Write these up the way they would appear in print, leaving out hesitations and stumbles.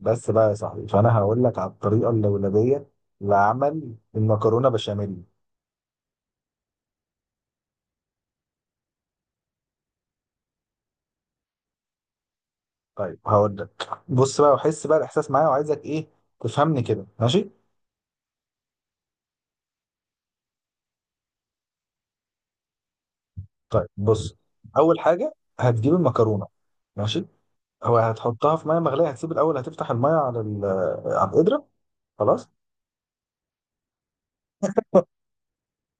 بس بقى يا صاحبي، فانا هقول لك على الطريقه اللولبيه لعمل المكرونه بشاميل. طيب هقول لك، بص بقى وحس بقى الاحساس معايا، وعايزك ايه تفهمني كده، ماشي؟ طيب بص، اول حاجه هتجيب المكرونه، ماشي؟ هو هتحطها في ميه مغليه، هتسيب الاول. هتفتح الميه على القدره، خلاص.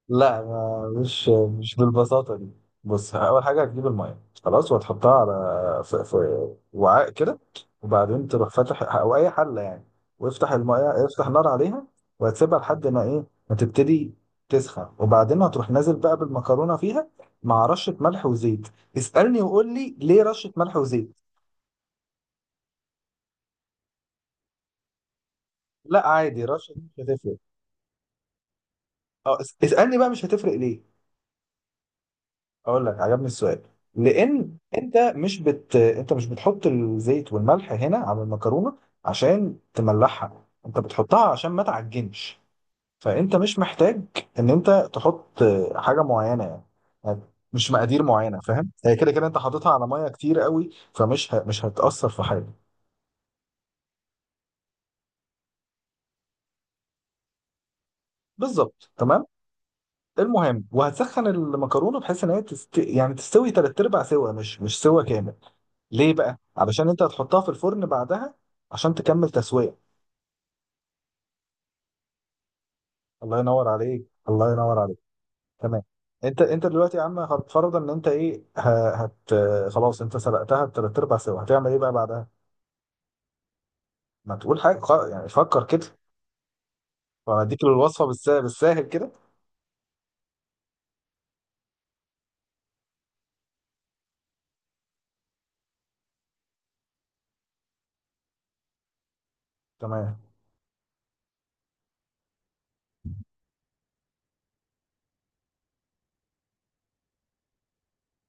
لا، ما مش بالبساطة دي. بص، أول حاجة هتجيب المية، خلاص. وهتحطها في وعاء كده. وبعدين تروح فاتح أو أي حلة يعني، وافتح المية، افتح نار عليها. وهتسيبها لحد ما إيه، ما تبتدي تسخن. وبعدين هتروح نازل بقى بالمكرونة فيها، مع رشة ملح وزيت. اسألني وقول لي: ليه رشة ملح وزيت؟ لا، عادي، رشة ملح مش هتفرق. أه، اسألني بقى: مش هتفرق ليه؟ اقول لك، عجبني السؤال. لان انت مش بتحط الزيت والملح هنا على المكرونه عشان تملحها، انت بتحطها عشان ما تعجنش. فانت مش محتاج ان انت تحط حاجه معينه يعني مش مقادير معينه. فاهم، هي كده كده انت حاططها على ميه كتير قوي، فمش ه... مش هتاثر في حاجه. بالظبط، تمام. المهم، وهتسخن المكرونه بحيث ان هي يعني تستوي تلات ارباع سوا، مش سوا كامل. ليه بقى؟ علشان انت هتحطها في الفرن بعدها، عشان تكمل تسوية. الله ينور عليك، الله ينور عليك. تمام. انت دلوقتي يا عم هتفرض ان انت ايه ه- هت خلاص، انت سلقتها بتلات ارباع سوا، هتعمل ايه بقى بعدها؟ ما تقول حاجة يعني، فكر كده. وانا اديك الوصفة بالسهل بالساهل كده. تمام.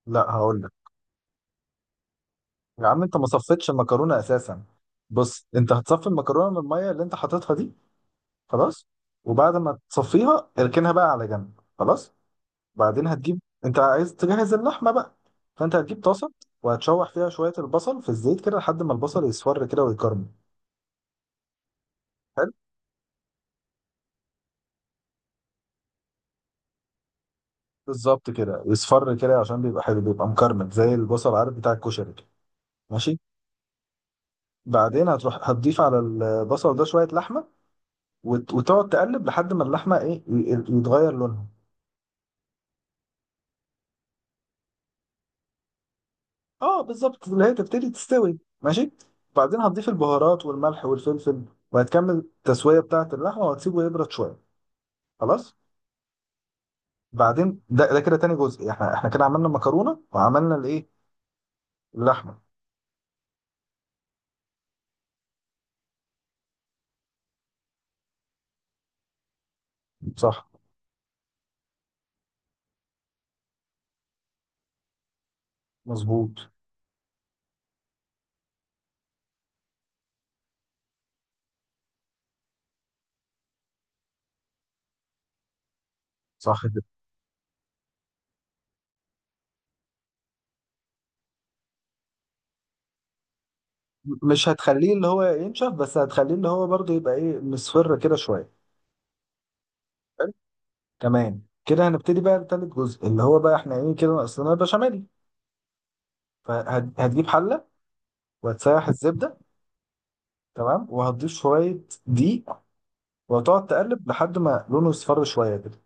لا، هقول لك. يا عم، انت ما صفيتش المكرونة اساسا. بص، انت هتصفي المكرونة من المية اللي انت حاططها دي. خلاص. وبعد ما تصفيها اركنها بقى على جنب، خلاص. بعدين هتجيب. انت عايز تجهز اللحمه بقى، فانت هتجيب طاسه، وهتشوح فيها شويه البصل في الزيت كده لحد ما البصل يصفر كده ويكرمل. حلو، بالظبط كده، يصفر كده عشان بيبقى حلو، بيبقى مكرمل زي البصل، عارف بتاع الكشري كده، ماشي. بعدين هتروح هتضيف على البصل ده شويه لحمه، وتقعد تقلب لحد ما اللحمه ايه يتغير لونها. اه بالظبط، اللي هي تبتدي تستوي، ماشي. بعدين هتضيف البهارات والملح والفلفل، وهتكمل التسويه بتاعه اللحمه وهتسيبه يبرد شويه، خلاص. بعدين ده كده تاني جزء، احنا كده عملنا المكرونه وعملنا الايه، اللحمه. صح، مظبوط. صح كده. مش هتخليه اللي هو ينشف، بس هتخليه اللي هو برضه يبقى ايه، مصفر كده شويه. حلو، تمام كده. هنبتدي بقى تالت جزء، اللي هو بقى احنا ايه كده، ناقصنا البشاميل. فهتجيب حله وهتسيح الزبده، تمام. وهتضيف شويه دقيق، وهتقعد تقلب لحد ما لونه يصفر شويه كده.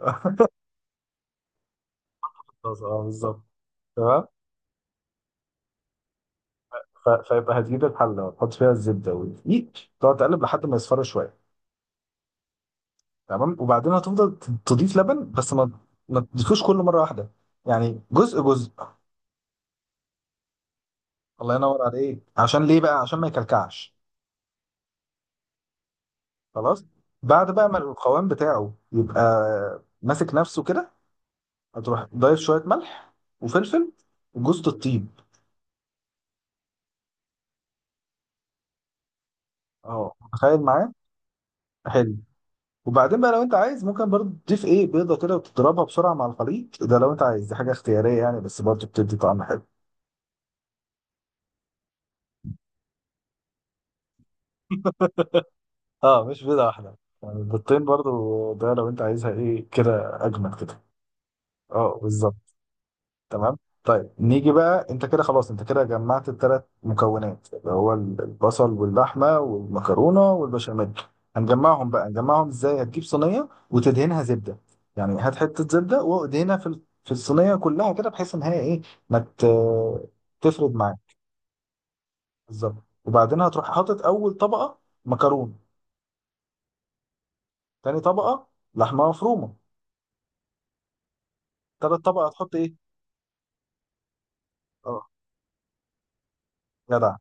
خلاص، اه بالظبط، تمام. فيبقى هتجيب الحله وتحط فيها الزبده والدقيق، تقعد تقلب لحد ما يصفر شويه، تمام. وبعدين هتفضل تضيف لبن، بس ما تضيفوش كله مره واحده، يعني جزء جزء. الله ينور عليك. عشان ليه بقى؟ عشان ما يكلكعش. خلاص. بعد بقى ما القوام بتاعه يبقى ماسك نفسه كده، هتروح ضايف شويه ملح وفلفل وجوز الطيب. اه، تخيل معاه. حلو. وبعدين بقى لو انت عايز، ممكن برضه تضيف ايه، بيضه كده وتضربها بسرعه مع الخليط ده، لو انت عايز. دي حاجه اختياريه يعني، بس برضه بتدي طعم حلو. اه، مش بيضة واحدة يعني، البيضتين برضو، ده لو انت عايزها ايه كده اجمل كده. اه بالظبط، تمام. طيب، نيجي بقى. انت كده خلاص، انت كده جمعت الثلاث مكونات اللي هو البصل واللحمة والمكرونة والبشاميل. هنجمعهم بقى، نجمعهم ازاي؟ هتجيب صينية وتدهنها زبدة، يعني هات حتة زبدة وادهنها في الصينية كلها كده، بحيث ان هي ايه، ما ت- تفرد معاك. بالظبط. وبعدين هتروح حاطط اول طبقة مكرونة، تاني طبقة لحمة مفرومة، تلات طبق هتحط ايه؟ اه، جدع،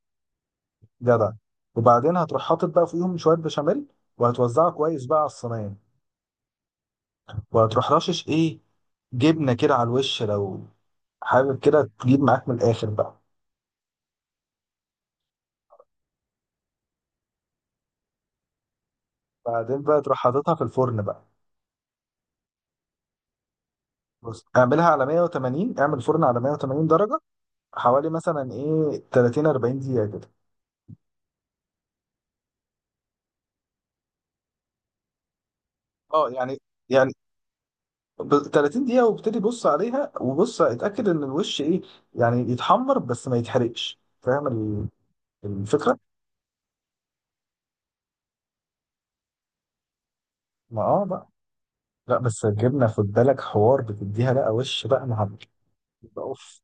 جدع. وبعدين هتروح حاطط بقى فيهم شويه بشاميل، وهتوزعه كويس بقى على الصينيه. وهتروح رشش ايه، جبنه كده على الوش، لو حابب كده تجيب معاك من الاخر بقى. بعدين بقى تروح حاططها في الفرن بقى. بص، اعملها على 180، اعمل فرن على 180 درجه، حوالي مثلا ايه 30-40 دقيقه كده. اه يعني 30 دقيقه وابتدي بص عليها، وبص اتاكد ان الوش ايه، يعني يتحمر بس ما يتحرقش، فاهم الفكره. ما اه بقى. لا، بس الجبنه خد بالك، حوار بتديها بقى وش بقى مع. اوف،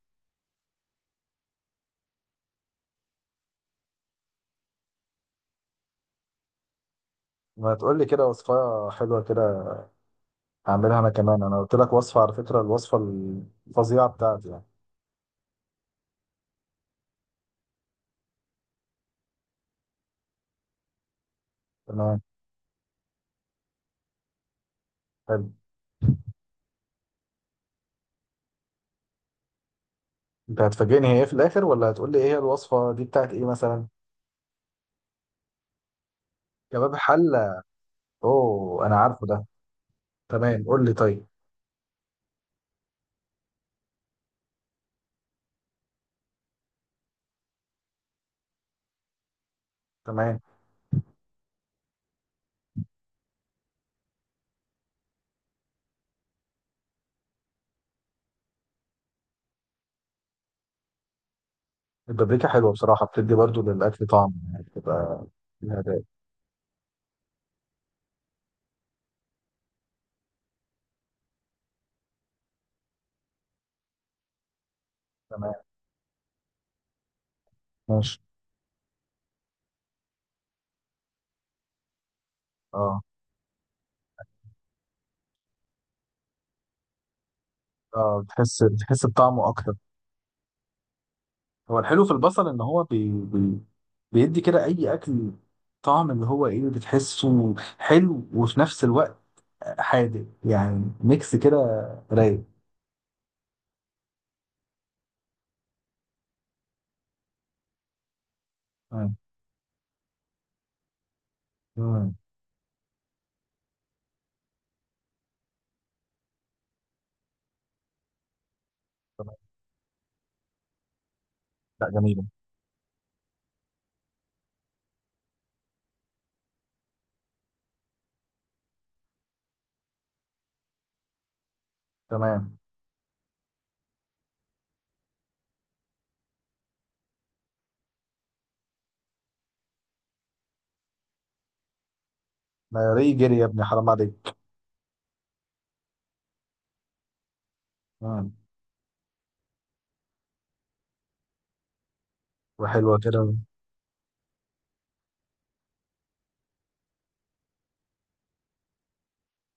ما تقول لي كده وصفه حلوه كده، هعملها انا كمان. انا قلت لك وصفه على فكره، الوصفه الفظيعه بتاعتي يعني. تمام، حلو. انت هتفاجئني هي ايه في الاخر، ولا هتقول لي ايه هي الوصفه دي بتاعت ايه مثلا؟ كباب حله. اوه، انا عارفه ده. تمام، قول لي طيب. تمام. البابريكا حلوه بصراحه، بتدي برضو للاكل طعم يعني، بتبقى فيها ده. تمام، ماشي. اه، اه، بتحس بطعمه اكتر. هو الحلو في البصل ان هو بيدي كده اي اكل طعم، اللي هو ايه، بتحسه حلو وفي نفس الوقت حادق، يعني ميكس كده، رايق. مم. مم. تمام. لا، جميلة. تمام. ما ري جري يا ابني، حرام عليك. مم. وحلوه كده.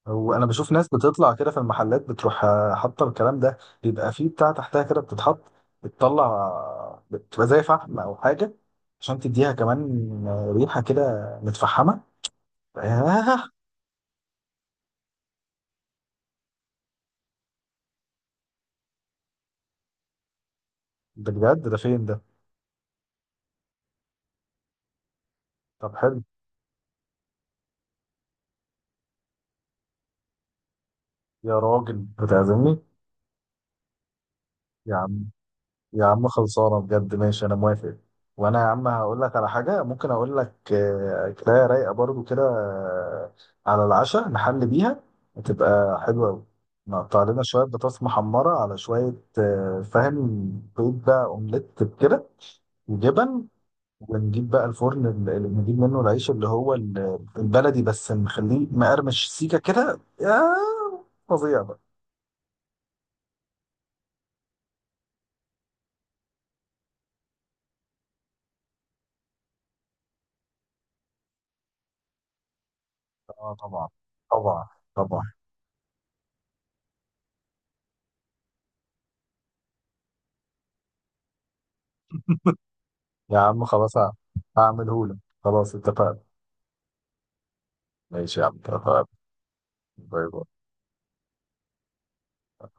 وانا بشوف ناس بتطلع كده في المحلات، بتروح حاطه الكلام ده، بيبقى فيه بتاع تحتها كده بتتحط، بتطلع بتبقى زي فحم او حاجه، عشان تديها كمان ريحه كده متفحمه. آه، ده بجد؟ ده فين ده؟ طب حلو. يا راجل بتعزمني؟ يا عم، يا عم خلصانه بجد، ماشي انا موافق. وانا يا عم هقول لك على حاجه، ممكن اقول لك كفايه، رايقه برضو كده على العشاء نحل بيها، هتبقى حلوه قوي. نقطع لنا شويه بطاطس محمره على شويه فاهم، بيض بقى اومليت كده، وجبن. ونجيب بقى الفرن اللي بنجيب منه العيش، اللي هو البلدي، بس نخليه مقرمش سيكه كده، يا فظيع. اه طبعا، طبعا، طبعا. يا عم خلاص، هعمله لك. خلاص، اتفقنا. ماشي يا عم، اتفقنا. باي باي.